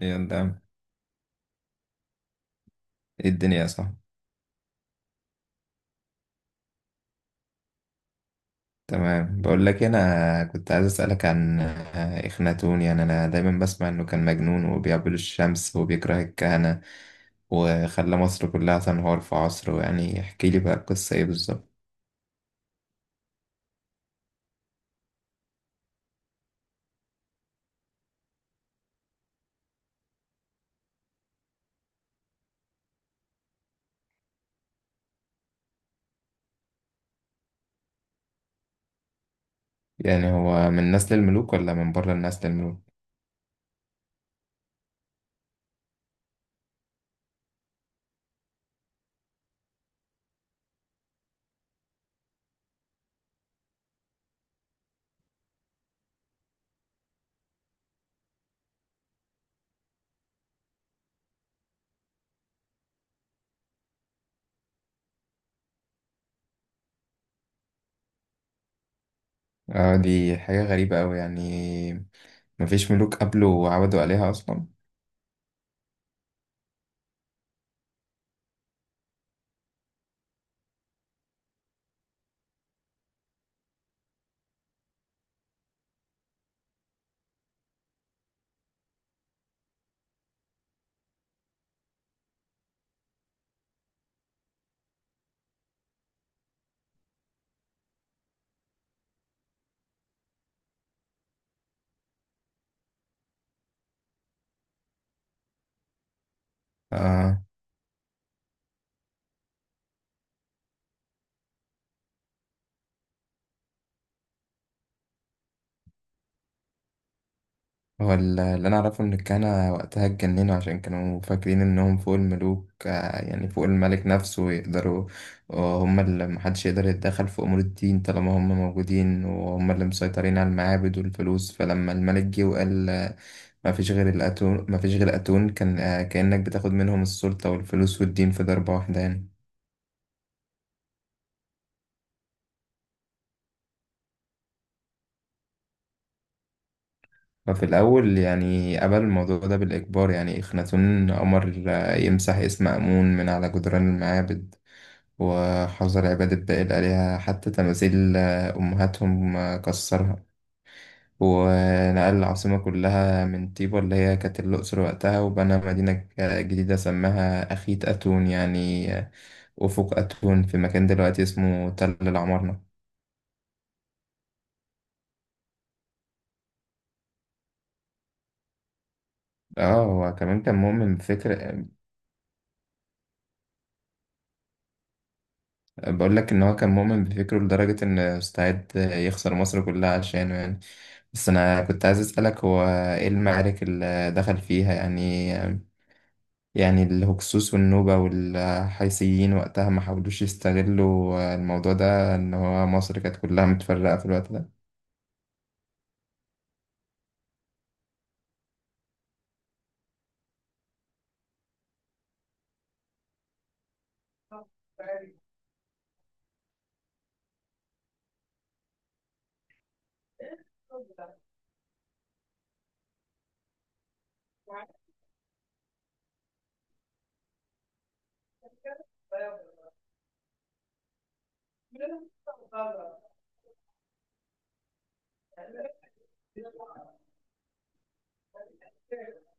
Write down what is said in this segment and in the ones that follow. يلا يا عم. ايه الدنيا صح؟ تمام. بقول لك إيه، انا كنت عايز اسالك عن اخناتون. يعني انا دايما بسمع انه كان مجنون وبيعبد الشمس وبيكره الكهنه وخلى مصر كلها تنهار في عصره. يعني احكي لي بقى القصه ايه بالظبط. يعني هو من نسل الملوك ولا من بره النسل الملوك؟ اه دي حاجه غريبه قوي. يعني مفيش ملوك قبله وعبدوا عليها اصلا؟ اه، هو اللي انا اعرفه ان الكهنة وقتها اتجننوا عشان كانوا فاكرين انهم فوق الملوك، يعني فوق الملك نفسه، ويقدروا، وهم اللي محدش يقدر يتدخل في امور الدين طالما هم موجودين، وهم اللي مسيطرين على المعابد والفلوس. فلما الملك جه وقال ما فيش غير اتون، كان كأنك بتاخد منهم السلطة والفلوس والدين في ضربة واحدة يعني. ففي الأول يعني قبل الموضوع ده بالإجبار، يعني إخناتون أمر يمسح اسم آمون من على جدران المعابد، وحظر عبادة باقي الآلهة، حتى تماثيل أمهاتهم كسرها، ونقل العاصمة كلها من طيبة اللي هي كانت الأقصر وقتها، وبنى مدينة جديدة سماها أخيت أتون، يعني أفق أتون، في مكان دلوقتي اسمه تل العمارنة. اه هو كمان كان مؤمن بفكر آه، بقول لك ان هو كان مؤمن بفكره لدرجة ان استعد يخسر مصر كلها عشانه يعني. بس انا كنت عايز اسألك، هو ايه المعارك اللي دخل فيها؟ يعني يعني الهكسوس والنوبة والحيثيين وقتها ما حاولوش يستغلوا الموضوع ده إن هو مصر كانت كلها متفرقة في الوقت ده؟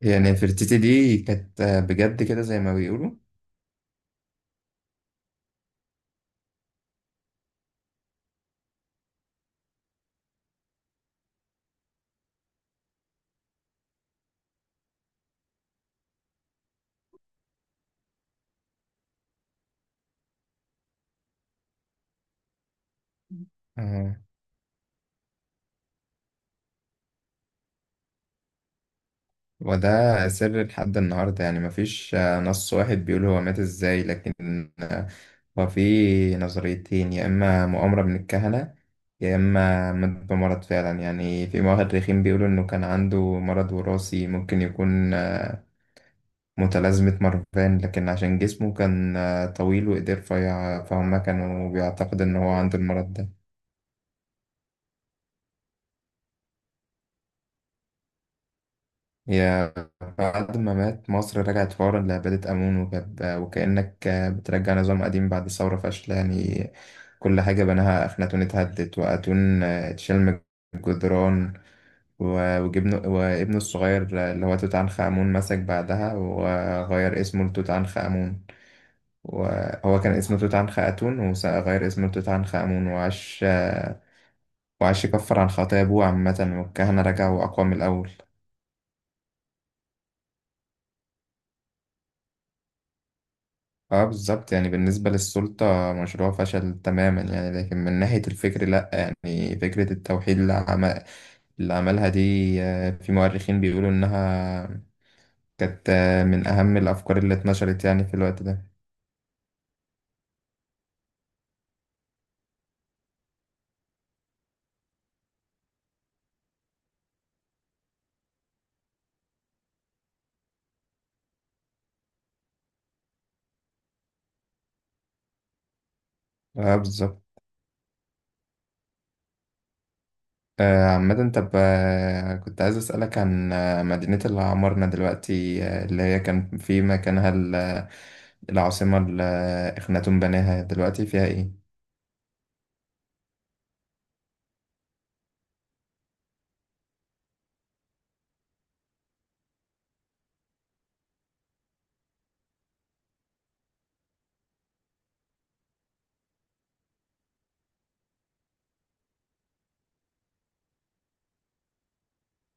يعني نفرتيتي دي كانت بجد كده زي ما بيقولوا؟ آه. وده سر لحد النهاردة، يعني مفيش نص واحد بيقول هو مات إزاي، لكن آه، هو في نظريتين، يا إما مؤامرة من الكهنة يا إما مات بمرض فعلا. يعني في مؤرخين بيقولوا إنه كان عنده مرض وراثي ممكن يكون متلازمة مارفان، لكن عشان جسمه كان طويل وإيديه رفيعة فهم كانوا بيعتقد إن هو عنده المرض ده. هي بعد ما مات مصر رجعت فورا لعبادة آمون، وكب وكأنك بترجع نظام قديم بعد ثورة فاشلة يعني. كل حاجة بناها أخناتون اتهدت، وأتون اتشال من الجدران، وجبنه وابنه الصغير اللي هو توت عنخ آمون مسك بعدها وغير اسمه لتوت عنخ آمون. وهو كان اسمه توت عنخ آتون وغير اسمه لتوت عنخ آمون، وعاش يكفر عن خطايا أبوه. عامة والكهنة رجعوا أقوى من الأول. اه بالظبط، يعني بالنسبة للسلطة مشروع فشل تماما يعني، لكن من ناحية الفكر لأ. يعني فكرة التوحيد اللي عملها دي في مؤرخين بيقولوا إنها كانت من أهم الأفكار اللي اتنشرت يعني في الوقت ده. اه بالظبط. عامة طب، كنت عايز أسألك عن مدينة اللي عمرنا دلوقتي، اللي هي كان في مكانها العاصمة اللي إخناتون بناها، دلوقتي فيها إيه؟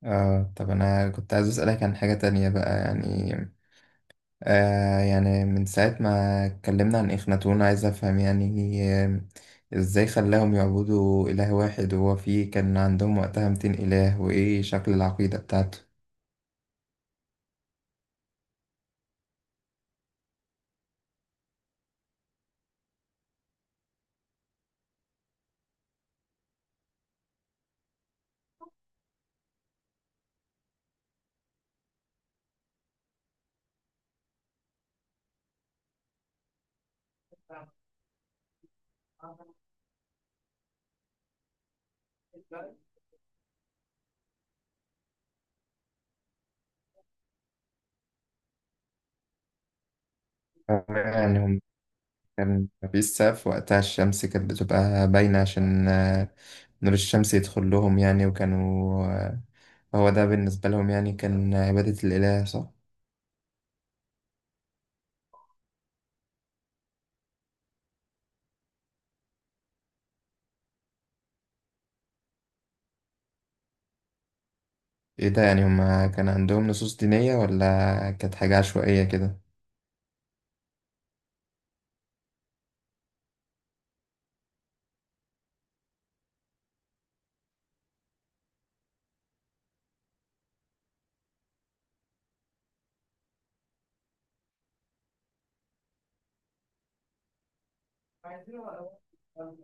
آه طب أنا كنت عايز أسألك عن حاجة تانية بقى. يعني يعني من ساعة ما اتكلمنا عن إخناتون عايز أفهم، يعني إزاي خلاهم يعبدوا إله واحد وهو فيه كان عندهم وقتها 200 إله، وإيه شكل العقيدة بتاعته؟ يعني هم كان مفيش سقف وقتها، الشمس كانت بتبقى باينة عشان نور الشمس يدخل لهم يعني. وكانوا هو ده بالنسبة لهم يعني كان عبادة الإله، صح؟ إيه ده، يعني هما كان عندهم نصوص دينية ولا كانت حاجة عشوائية كده؟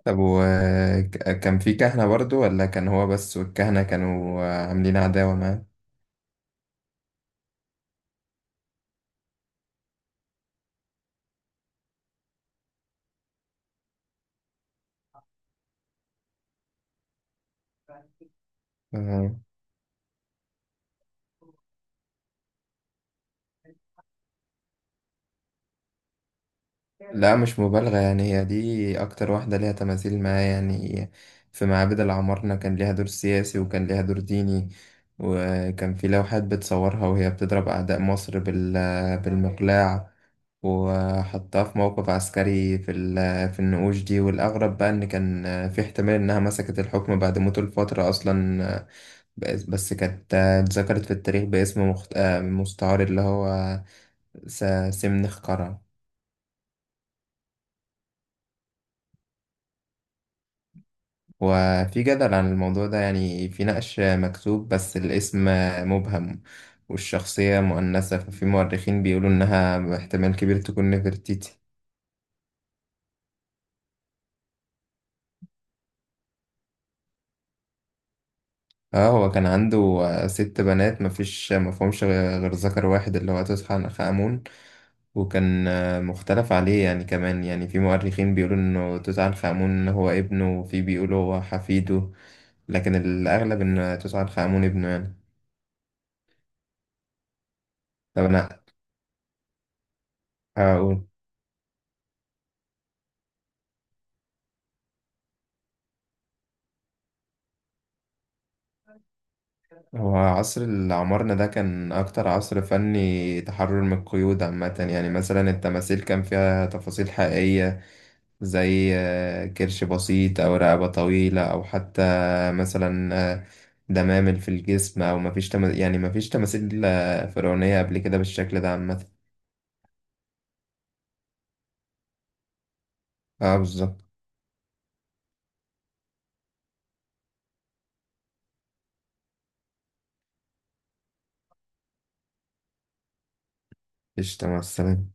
طب وكان في كهنة برضو، ولا كان هو بس والكهنة كانوا عاملين عداوة معاه؟ لا مش مبالغة، يعني هي دي أكتر واحدة ليها تماثيل معايا يعني. في معابد العمارنة كان ليها دور سياسي وكان ليها دور ديني، وكان في لوحات بتصورها وهي بتضرب أعداء مصر بالمقلاع، وحطها في موقف عسكري في في النقوش دي. والأغرب بقى إن كان في احتمال إنها مسكت الحكم بعد موته لفترة أصلا. بس كانت اتذكرت في التاريخ باسم مستعار اللي هو س- سمنخ قرع. وفي جدل عن الموضوع ده، يعني في نقش مكتوب بس الاسم مبهم والشخصية مؤنثة، ففي مؤرخين بيقولوا إنها احتمال كبير تكون نفرتيتي. اه هو كان عنده ست بنات، مفهومش غير ذكر واحد اللي هو توت عنخ آمون، وكان مختلف عليه يعني كمان. يعني في مؤرخين بيقولوا إنه توت عنخ آمون هو ابنه، وفي بيقولوا هو حفيده، لكن الأغلب إن توت عنخ آمون ابنه يعني. طب أنا هقول، هو عصر اللي عمرنا ده كان أكتر عصر فني تحرر من القيود عامة. يعني مثلا التماثيل كان فيها تفاصيل حقيقية، زي كرش بسيط أو رقبة طويلة، أو حتى مثلا دمامل في الجسم. أو يعني مفيش تماثيل فرعونية قبل كده بالشكل ده عامة. اه بالظبط. مفيش تماثيل